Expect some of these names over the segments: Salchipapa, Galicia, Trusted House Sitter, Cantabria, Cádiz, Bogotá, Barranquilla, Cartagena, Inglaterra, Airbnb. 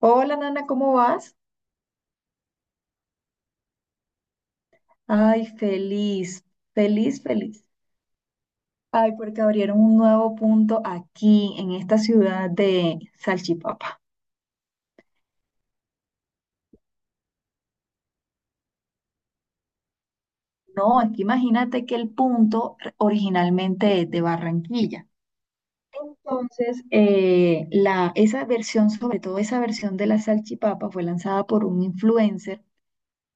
Hola, Nana, ¿cómo vas? Ay, feliz, feliz, feliz. Ay, porque abrieron un nuevo punto aquí en esta ciudad de Salchipapa. No, aquí imagínate que el punto originalmente es de Barranquilla. Entonces, esa versión, sobre todo esa versión de la salchipapa, fue lanzada por un influencer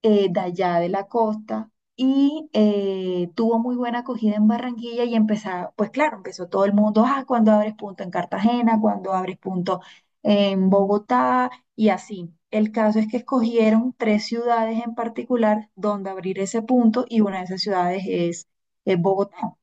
de allá de la costa y tuvo muy buena acogida en Barranquilla y empezaba, pues claro, empezó todo el mundo, ah, cuando abres punto en Cartagena, cuando abres punto en Bogotá y así. El caso es que escogieron tres ciudades en particular donde abrir ese punto y una de esas ciudades es Bogotá.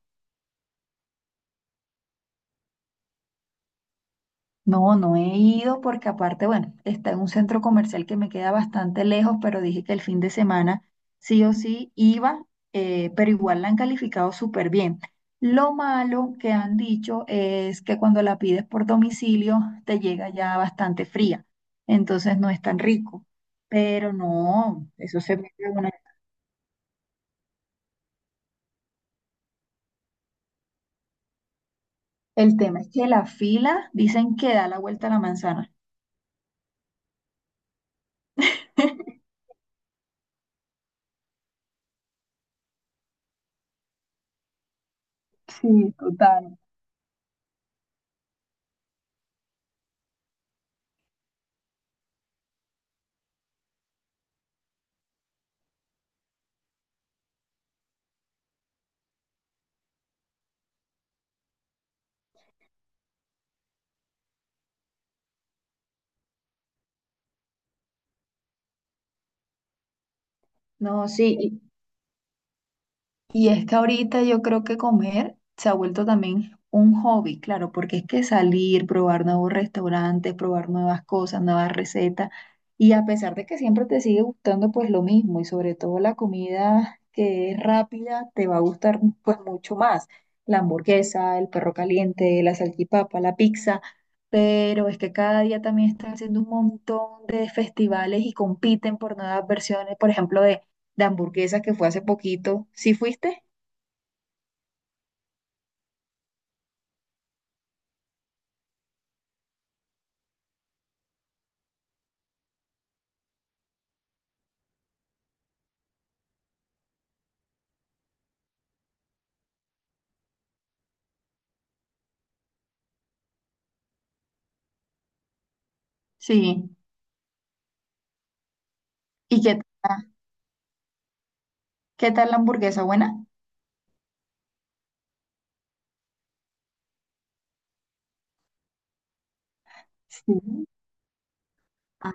No, no he ido porque aparte, bueno, está en un centro comercial que me queda bastante lejos, pero dije que el fin de semana sí o sí iba, pero igual la han calificado súper bien. Lo malo que han dicho es que cuando la pides por domicilio te llega ya bastante fría, entonces no es tan rico. Pero no, eso se me pega una- El tema es que la fila dicen que da la vuelta a la manzana. Sí, total. No, sí. Y es que ahorita yo creo que comer se ha vuelto también un hobby, claro, porque es que salir, probar nuevos restaurantes, probar nuevas cosas, nuevas recetas, y a pesar de que siempre te sigue gustando pues lo mismo, y sobre todo la comida que es rápida, te va a gustar pues mucho más, la hamburguesa, el perro caliente, la salchipapa, la pizza, pero es que cada día también están haciendo un montón de festivales y compiten por nuevas versiones, por ejemplo, de hamburguesa que fue hace poquito. ¿Sí fuiste? Sí. ¿Y qué tal, tal la hamburguesa? ¿Buena? Sí. Ah,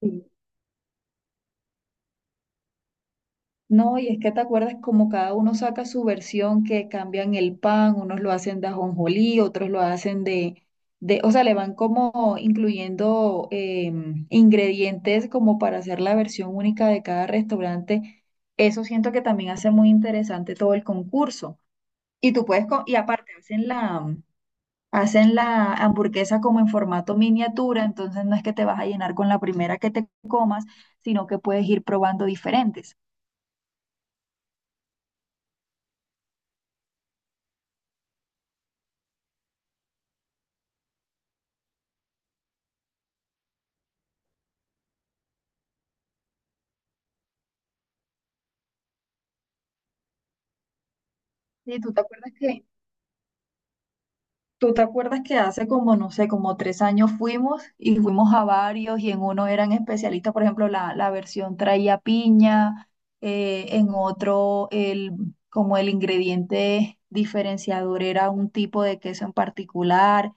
sí. No, y es que te acuerdas como cada uno saca su versión, que cambian el pan, unos lo hacen de ajonjolí, otros lo hacen o sea, le van como incluyendo ingredientes como para hacer la versión única de cada restaurante. Eso siento que también hace muy interesante todo el concurso. Y tú puedes, co- y aparte hacen la, hacen la hamburguesa como en formato miniatura, entonces no es que te vas a llenar con la primera que te comas, sino que puedes ir probando diferentes. Sí, ¿tú te acuerdas que hace como, no sé, como 3 años fuimos y fuimos a varios y en uno eran especialistas, por ejemplo, la versión traía piña, en otro el, como el ingrediente diferenciador era un tipo de queso en particular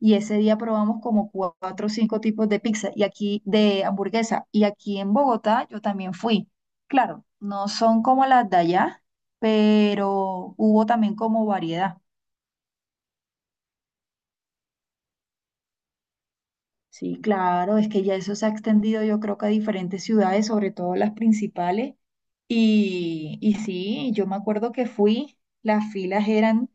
y ese día probamos como cua- cuatro o cinco tipos de pizza y aquí de hamburguesa y aquí en Bogotá yo también fui. Claro, no son como las de allá, pero hubo también como variedad. Sí, claro, es que ya eso se ha extendido yo creo que a diferentes ciudades, sobre todo las principales, y sí, yo me acuerdo que fui, las filas eran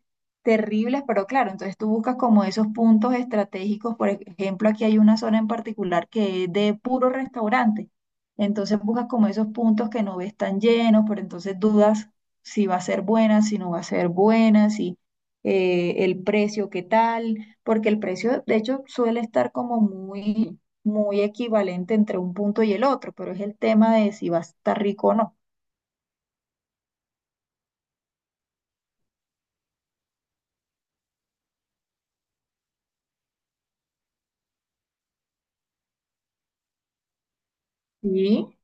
terribles, pero claro, entonces tú buscas como esos puntos estratégicos, por ejemplo, aquí hay una zona en particular que es de puro restaurante, entonces buscas como esos puntos que no ves tan llenos, pero entonces dudas si va a ser buena, si no va a ser buena, si el precio, qué tal, porque el precio, de hecho, suele estar como muy, muy equivalente entre un punto y el otro, pero es el tema de si va a estar rico o no. Sí,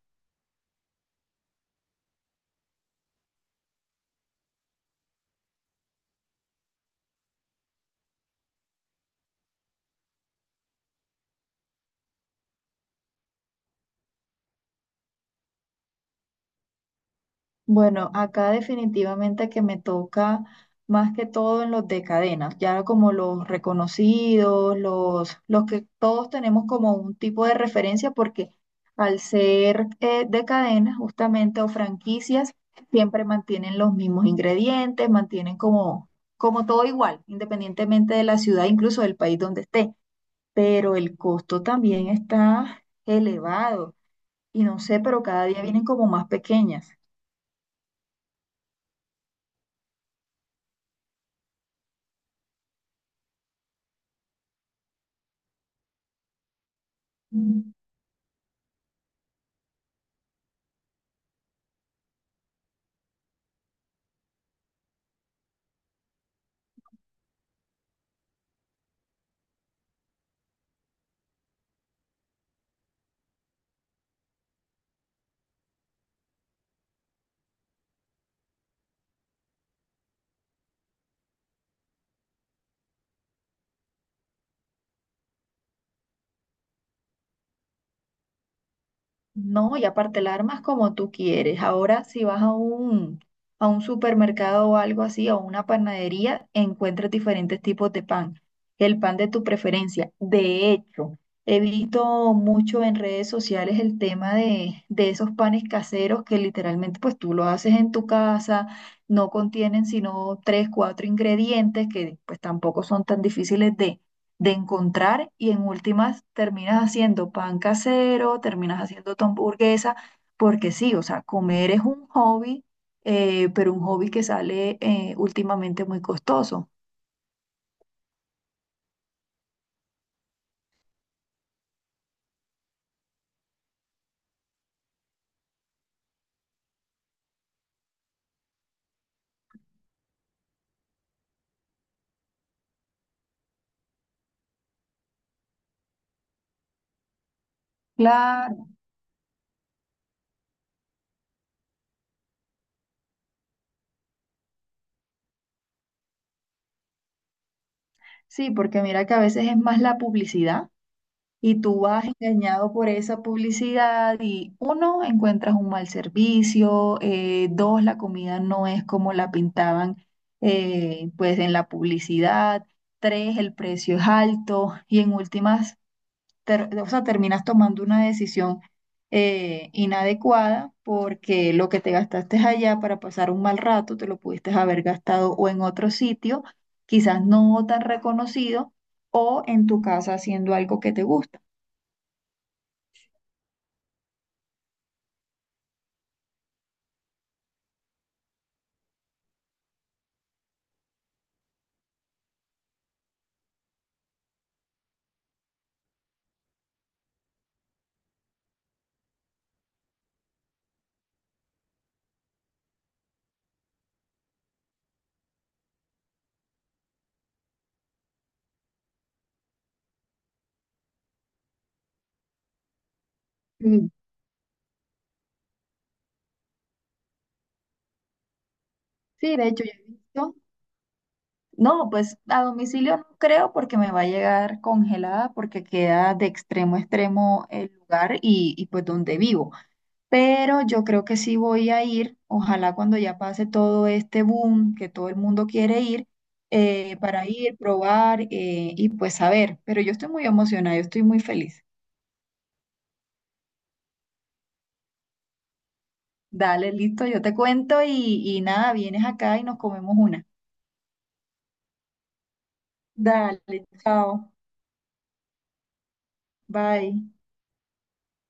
bueno, acá definitivamente que me toca más que todo en los de cadenas, ya como los reconocidos, los que todos tenemos como un tipo de referencia, porque al ser de cadenas justamente o franquicias, siempre mantienen los mismos ingredientes, mantienen como todo igual, independientemente de la ciudad, incluso del país donde esté, pero el costo también está elevado y no sé, pero cada día vienen como más pequeñas. Mm. No, y aparte la armas como tú quieres. Ahora si vas a un supermercado o algo así, o una panadería, encuentras diferentes tipos de pan. El pan de tu preferencia. De hecho, he visto mucho en redes sociales el tema de esos panes caseros que literalmente pues tú lo haces en tu casa, no contienen sino tres, cuatro ingredientes que pues tampoco son tan difíciles de encontrar y en últimas terminas haciendo pan casero, terminas haciendo tu hamburguesa, porque sí, o sea, comer es un hobby, pero un hobby que sale últimamente muy costoso. Claro, sí, porque mira que a veces es más la publicidad. Y tú vas engañado por esa publicidad y uno, encuentras un mal servicio, dos, la comida no es como la pintaban pues en la publicidad, tres, el precio es alto y en últimas, ter- o sea, terminas tomando una decisión inadecuada porque lo que te gastaste allá para pasar un mal rato, te lo pudiste haber gastado o en otro sitio, quizás no tan reconocido, o en tu casa haciendo algo que te gusta. Mm. Sí, de hecho, yo he visto. No, pues a domicilio no creo porque me va a llegar congelada porque queda de extremo a extremo el lugar y pues donde vivo. Pero yo creo que sí voy a ir, ojalá cuando ya pase todo este boom que todo el mundo quiere ir, para ir, probar y pues saber. Pero yo estoy muy emocionada, yo estoy muy feliz. Dale, listo, yo te cuento y nada, vienes acá y nos comemos una. Dale, chao, bye.